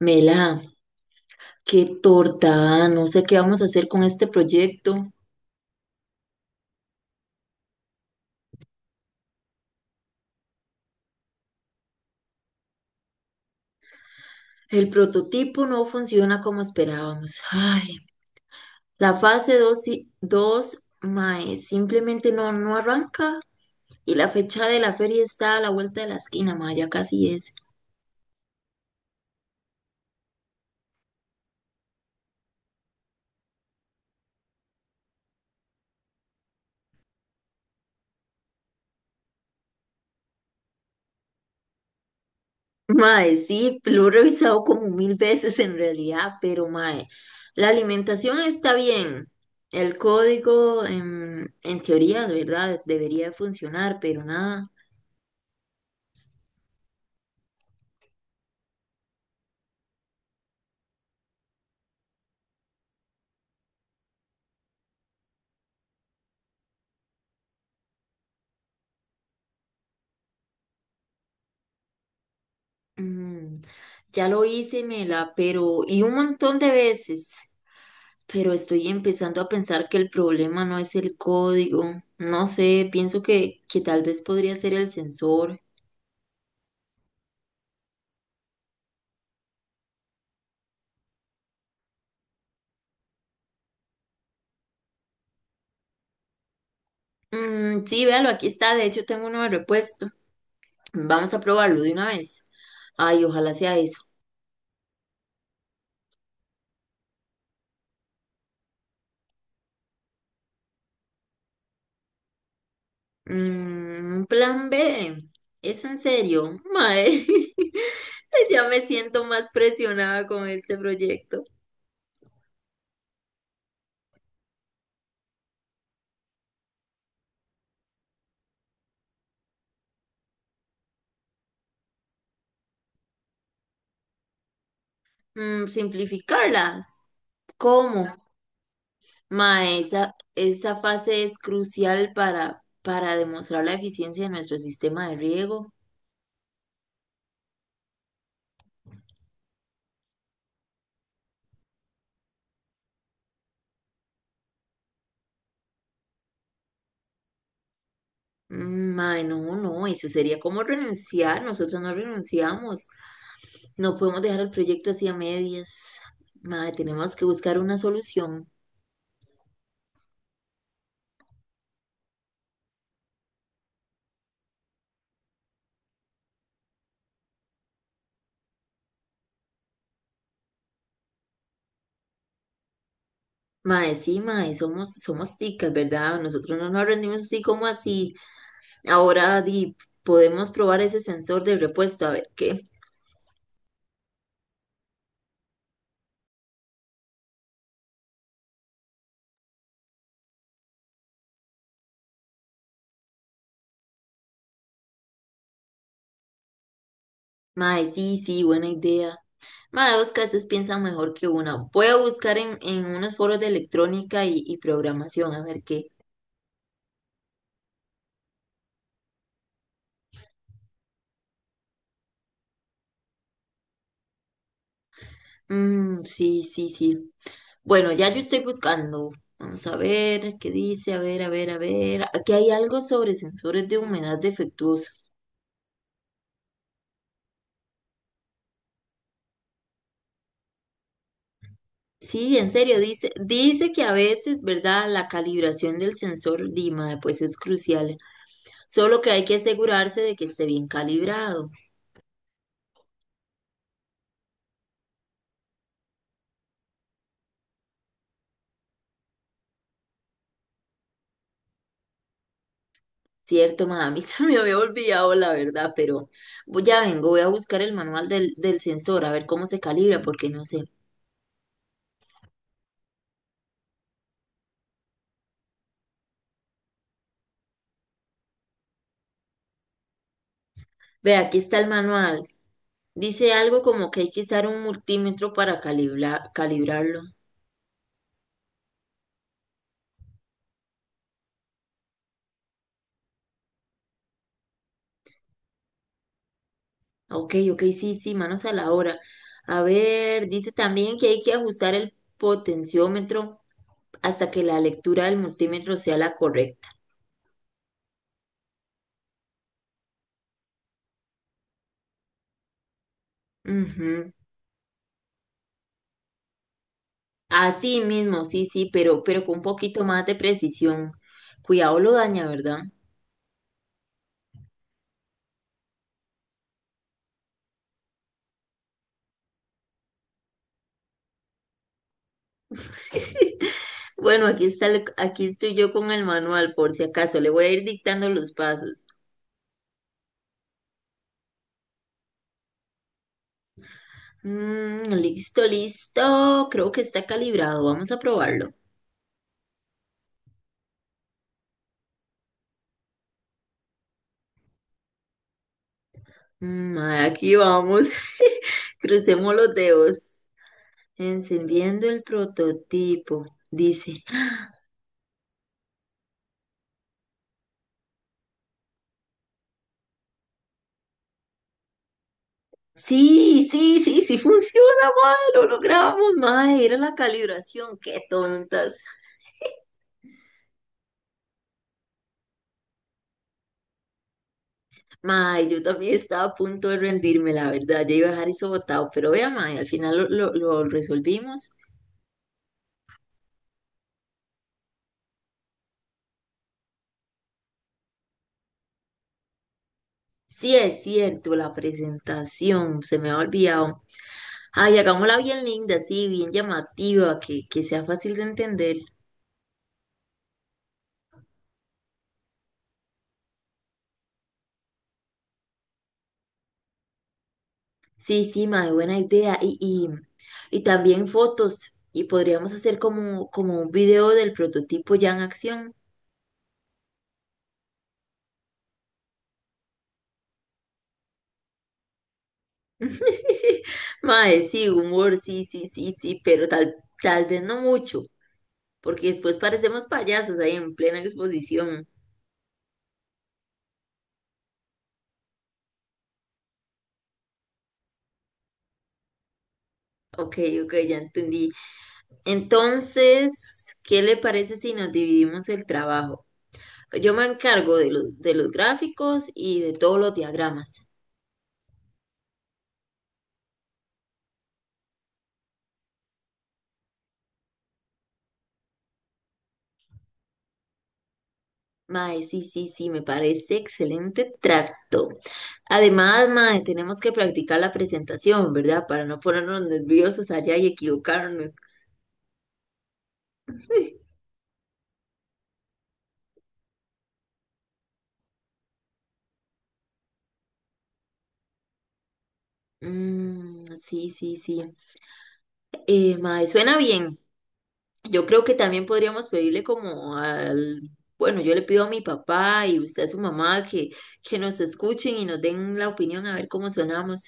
Mela, qué torta, ah, no sé qué vamos a hacer con este proyecto. El prototipo no funciona como esperábamos. Ay, la fase 2 y 2 mae, simplemente no, no arranca. Y la fecha de la feria está a la vuelta de la esquina, mae, ya casi es. Mae, sí, lo he revisado como mil veces en realidad, pero mae, la alimentación está bien. El código, en teoría, de verdad, debería de funcionar, pero nada. Mm, ya lo hice, Mela, pero y un montón de veces, pero estoy empezando a pensar que el problema no es el código. No sé, pienso que tal vez podría ser el sensor. Mm, sí, véalo, aquí está, de hecho tengo uno de repuesto. Vamos a probarlo de una vez. Ay, ojalá sea eso. Plan B, ¿es en serio? Mae, ya me siento más presionada con este proyecto. Simplificarlas. ¿Cómo? Ma, esa fase es crucial para demostrar la eficiencia de nuestro sistema de riego. Ma, no, no, eso sería como renunciar. Nosotros no renunciamos. No podemos dejar el proyecto así a medias. Ma, tenemos que buscar una solución. Ma, sí, ma, somos ticas, ¿verdad? Nosotros no nos rendimos así como así. Ahora, di, podemos probar ese sensor de repuesto, a ver qué. Ma, sí, sí, buena idea. Mae, Oscar, ustedes piensan mejor que una. Voy a buscar en unos foros de electrónica y programación, a ver qué. Mm, sí, sí, sí. Bueno, ya yo estoy buscando. Vamos a ver qué dice, a ver, a ver, a ver. Aquí hay algo sobre sensores de humedad defectuoso. Sí, en serio, dice que a veces, ¿verdad? La calibración del sensor Dima, pues es crucial. Solo que hay que asegurarse de que esté bien calibrado. Cierto, ma, a mí se me había olvidado la verdad, pero ya vengo, voy a buscar el manual del sensor, a ver cómo se calibra, porque no sé. Ve, aquí está el manual. Dice algo como que hay que usar un multímetro para calibrarlo. Ok, ok, sí, sí, manos a la obra. A ver, dice también que hay que ajustar el potenciómetro hasta que la lectura del multímetro sea la correcta. Ujú. Así mismo, sí, sí, pero con un poquito más de precisión. Cuidado lo daña, ¿verdad? Bueno, aquí está, aquí estoy yo con el manual, por si acaso. Le voy a ir dictando los pasos. Mm, listo, listo. Creo que está calibrado. Vamos a probarlo. Aquí vamos. Crucemos los dedos. Encendiendo el prototipo. Dice, sí, sí, sí, sí funciona, mae, lo logramos, mae, era la calibración, qué tontas. Mae, yo también estaba a punto de rendirme, la verdad. Yo iba a dejar eso botado, pero vea, mae, al final lo resolvimos. Sí, es cierto, la presentación, se me ha olvidado. Ay, hagámosla bien linda, sí, bien llamativa, que sea fácil de entender. Sí, sí, mae, buena idea. Y también fotos. Y podríamos hacer como un video del prototipo ya en acción. Mae, sí, humor, sí, sí, sí, sí, pero tal vez no mucho, porque después parecemos payasos ahí en plena exposición. Ok, ok, ya entendí. Entonces, ¿qué le parece si nos dividimos el trabajo? Yo me encargo de los gráficos y de todos los diagramas. Mae, sí, sí, sí, me parece excelente tracto. Además, mae, tenemos que practicar la presentación, ¿verdad? Para no ponernos nerviosos allá y equivocarnos. Mm, sí, sí, sí. Mae, suena bien. Yo creo que también podríamos pedirle como bueno, yo le pido a mi papá y usted a su mamá que, nos escuchen y nos den la opinión a ver cómo sonamos.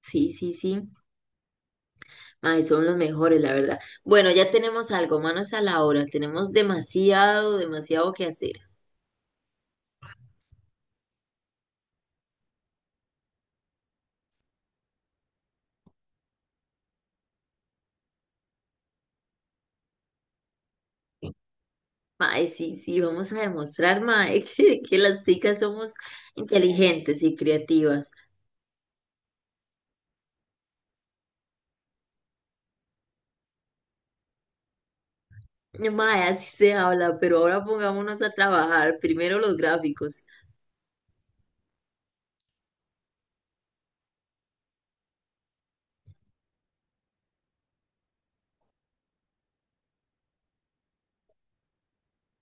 Sí, sí, sí. Ay, son los mejores, la verdad. Bueno, ya tenemos algo, manos a la hora. Tenemos demasiado, demasiado que hacer. Mae, sí, sí, vamos a demostrar, mae, que las ticas somos inteligentes y creativas. Mae, así se habla, pero ahora pongámonos a trabajar. Primero los gráficos.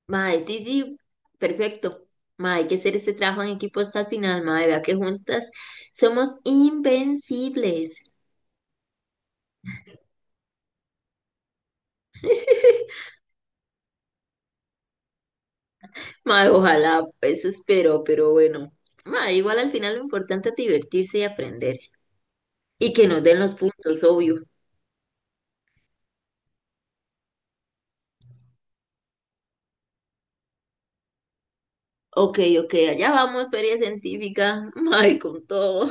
Mae, sí, sí, perfecto. Mae, hay que hacer este trabajo en equipo hasta el final, mae, vea que juntas somos invencibles. Mae, ojalá, eso espero, pero bueno. Mae, igual al final lo importante es divertirse y aprender. Y que nos den los puntos, obvio. Ok, ok, allá vamos, feria científica. Mae, con todo.